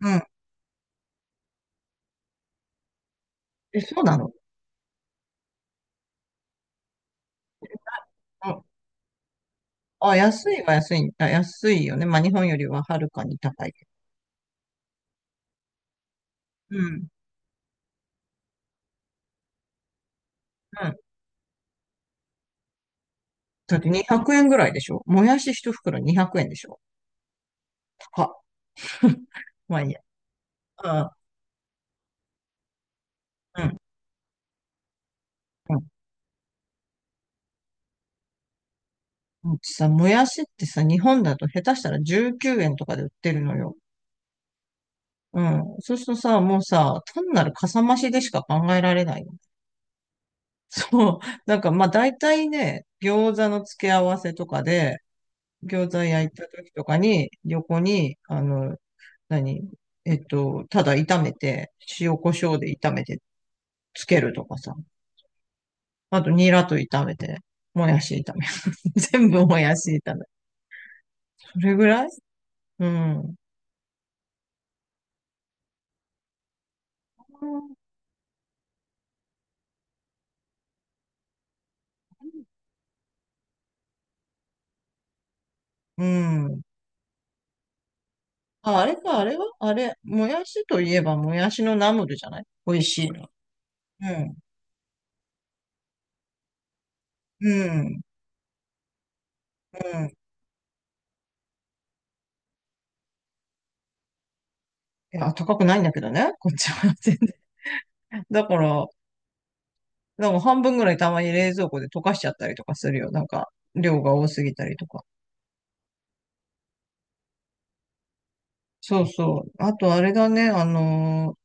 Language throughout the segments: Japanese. うん。え、そうなの？うん。あ、安いは安い。あ、安いよね。まあ、日本よりははるかに高いけど。うん。うん。だって200円ぐらいでしょ？もやし一袋200円でしょ？高っ。まあいいや。うん。うん。うん。うちさ、もやしってさ、日本だと下手したら19円とかで売ってるのよ。うん。そうするとさ、もうさ、単なるかさ増しでしか考えられないよね。そう。まあ大体ね、餃子の付け合わせとかで、餃子焼いた時とかに、横に、あの、何えっと、ただ炒めて、塩コショウで炒めてつけるとかさ。あと、ニラと炒めて、もやし炒める。全部もやし炒める。それぐらい。うん。うん。あ、あれか、あれはあれ、もやしといえばもやしのナムルじゃない？美味しいの。うん。うん。うん。いや、高くないんだけどね。こっちは全然。だから、半分ぐらいたまに冷蔵庫で溶かしちゃったりとかするよ。量が多すぎたりとか。そうそう。あと、あれだね、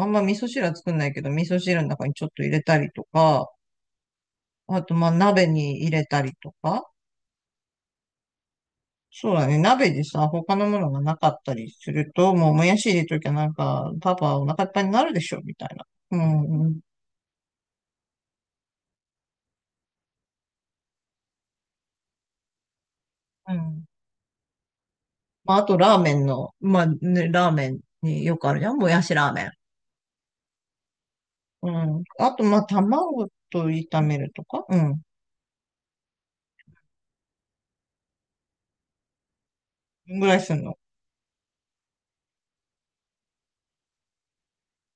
あんま味噌汁は作んないけど、味噌汁の中にちょっと入れたりとか、あと、まあ、鍋に入れたりとか。そうだね、鍋でさ、他のものがなかったりすると、もう、もやし入れときゃなんか、パパお腹いっぱいになるでしょ、みたいな。うん、うん。うん。まあ、あと、ラーメンの、まあ、ね、ラーメンによくあるじゃん、もやしラーメン。うん。あと、まあ、卵と炒めるとか、うん。ぐらいすんの？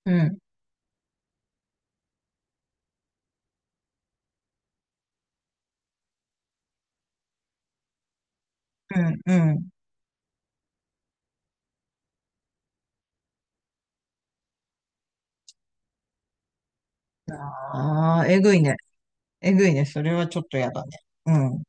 うん、うん、うん。ああ、えぐいね。えぐいね。それはちょっとやだね。うん。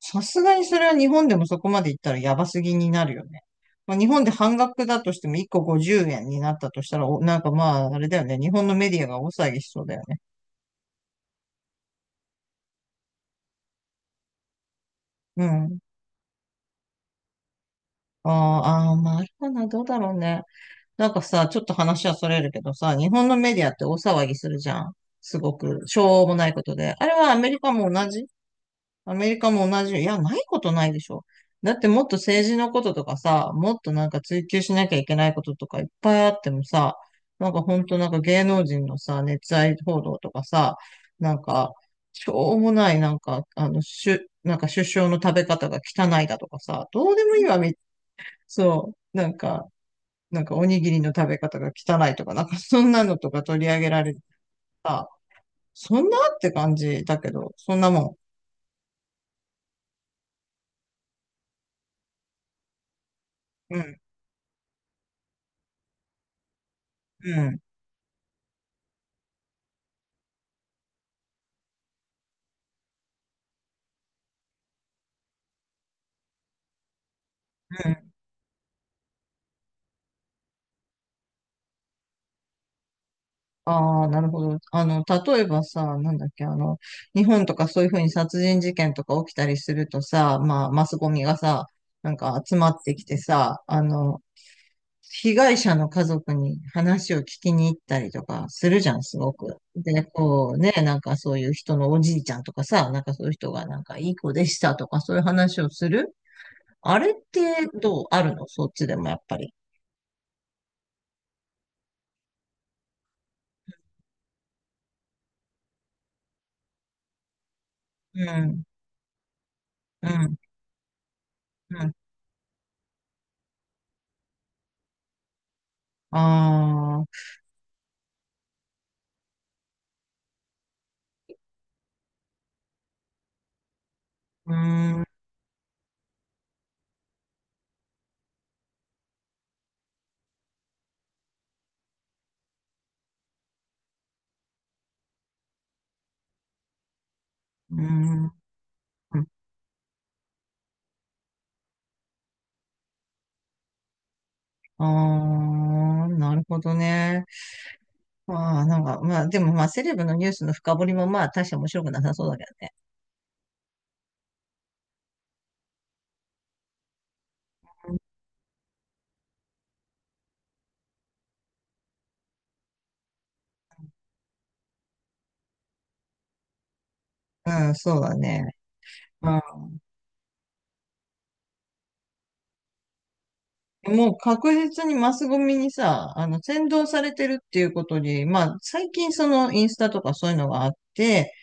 さすがにそれは日本でもそこまで行ったらやばすぎになるよね。まあ、日本で半額だとしても1個50円になったとしたら、お、なんかまあ、あれだよね。日本のメディアが大騒ぎしそうだよね。うん。あー、あー、まあ、あれかな。どうだろうね。なんかさ、ちょっと話はそれるけどさ、日本のメディアって大騒ぎするじゃん。すごく、しょうもないことで。あれはアメリカも同じ？アメリカも同じ。いや、ないことないでしょ。だってもっと政治のこととかさ、もっとなんか追求しなきゃいけないこととかいっぱいあってもさ、なんかほんとなんか芸能人のさ、熱愛報道とかさ、なんか、しょうもないなんか首相の食べ方が汚いだとかさ、どうでもいいわ、そう、なんかおにぎりの食べ方が汚いとか、なんかそんなのとか取り上げられてさ、そんなって感じだけど、そんなもん。うん、うん、うん。ああ、なるほど。あの、例えばさ、なんだっけ、あの、日本とかそういうふうに殺人事件とか起きたりするとさ、まあ、マスゴミがさ、なんか集まってきてさ、あの、被害者の家族に話を聞きに行ったりとかするじゃん、すごく。で、こうね、なんかそういう人のおじいちゃんとかさ、なんかそういう人がなんかいい子でしたとかそういう話をする、あれってどうある？のそっちでもやっぱり。うん、うん、うん。ああ、うーん、うーん。あー、なるほどね。まあ、なんか、まあ、でもまあ、セレブのニュースの深掘りもまあ、大して面白くなさそうだけどね。うん、そうだね。まあ、もう確実にマスゴミにさ、あの、扇動されてるっていうことに、まあ、最近そのインスタとかそういうのがあって、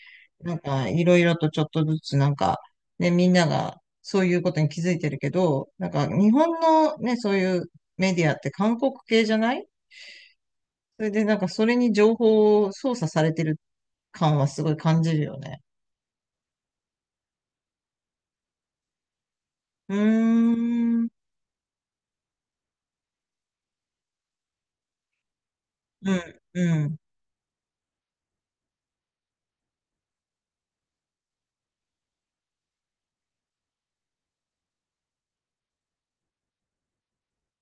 いろいろとちょっとずつなんか、ね、みんながそういうことに気づいてるけど、なんか、日本のね、そういうメディアって韓国系じゃない？それでなんか、それに情報を操作されてる感はすごい感じるよね。うーん、うん、うん。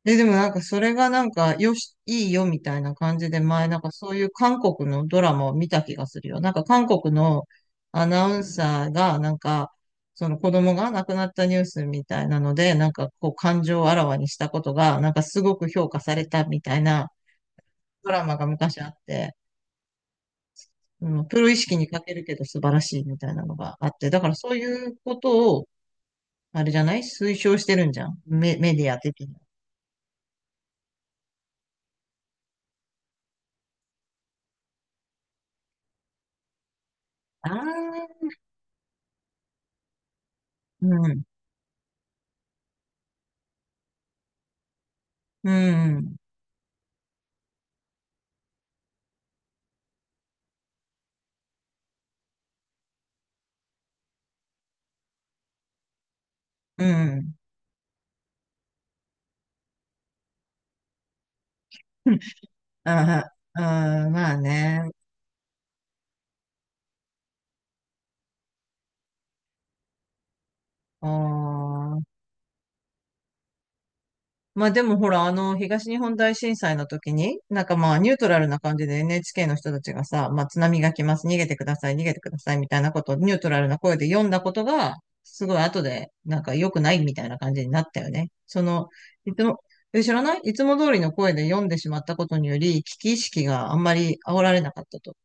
でもなんかそれがなんかよし、いいよみたいな感じで前なんかそういう韓国のドラマを見た気がするよ。なんか韓国のアナウンサーがなんかその子供が亡くなったニュースみたいなのでなんかこう感情をあらわにしたことがなんかすごく評価されたみたいなドラマが昔あって、うん、プロ意識に欠けるけど素晴らしいみたいなのがあって、だからそういうことをあれじゃない、推奨してるんじゃん。メディア的に。ああ、うん、うん、うん。ああ、ああまあね。ああ。まあでもほら、あの、東日本大震災の時に、なんかまあニュートラルな感じで NHK の人たちがさ、まあ津波が来ます、逃げてください、逃げてくださいみたいなことをニュートラルな声で読んだことが、すごい後で、なんか良くないみたいな感じになったよね。その、いつも、え、知らない、いつも通りの声で読んでしまったことにより、危機意識があんまり煽られなかったと。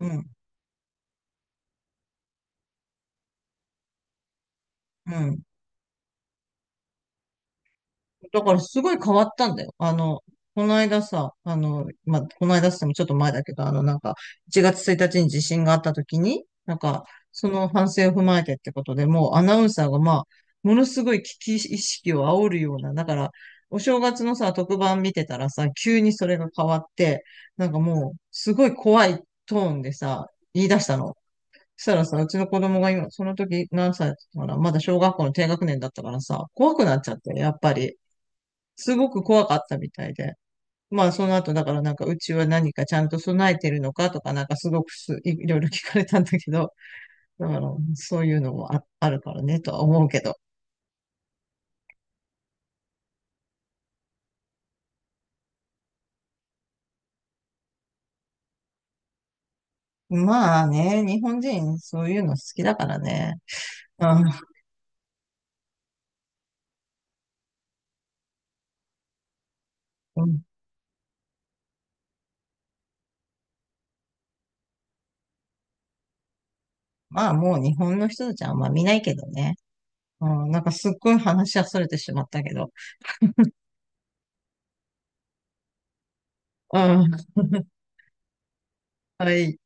うん、うん。だからすごい変わったんだよ。あの、この間さ、あの、まあ、この間っつってもちょっと前だけど、あの、なんか、1月1日に地震があった時に、なんか、その反省を踏まえてってことでもうアナウンサーが、まあ、ものすごい危機意識を煽るような、だから、お正月のさ、特番見てたらさ、急にそれが変わって、なんかもう、すごい怖いトーンでさ、言い出したの。そしたらさ、うちの子供が今、その時何歳だったかな、まだ小学校の低学年だったからさ、怖くなっちゃって、やっぱり。すごく怖かったみたいで。まあ、その後、だからなんか、うちは何かちゃんと備えてるのかとか、なんかすごくすい、いろいろ聞かれたんだけど、だから、そういうのもあ、あるからね、とは思うけど。まあね、日本人、そういうの好きだからね。あ、うん、まあ、もう日本の人たちはあんま見ないけどね。うん、なんかすっごい話しそれてしまったけど。うん。はい。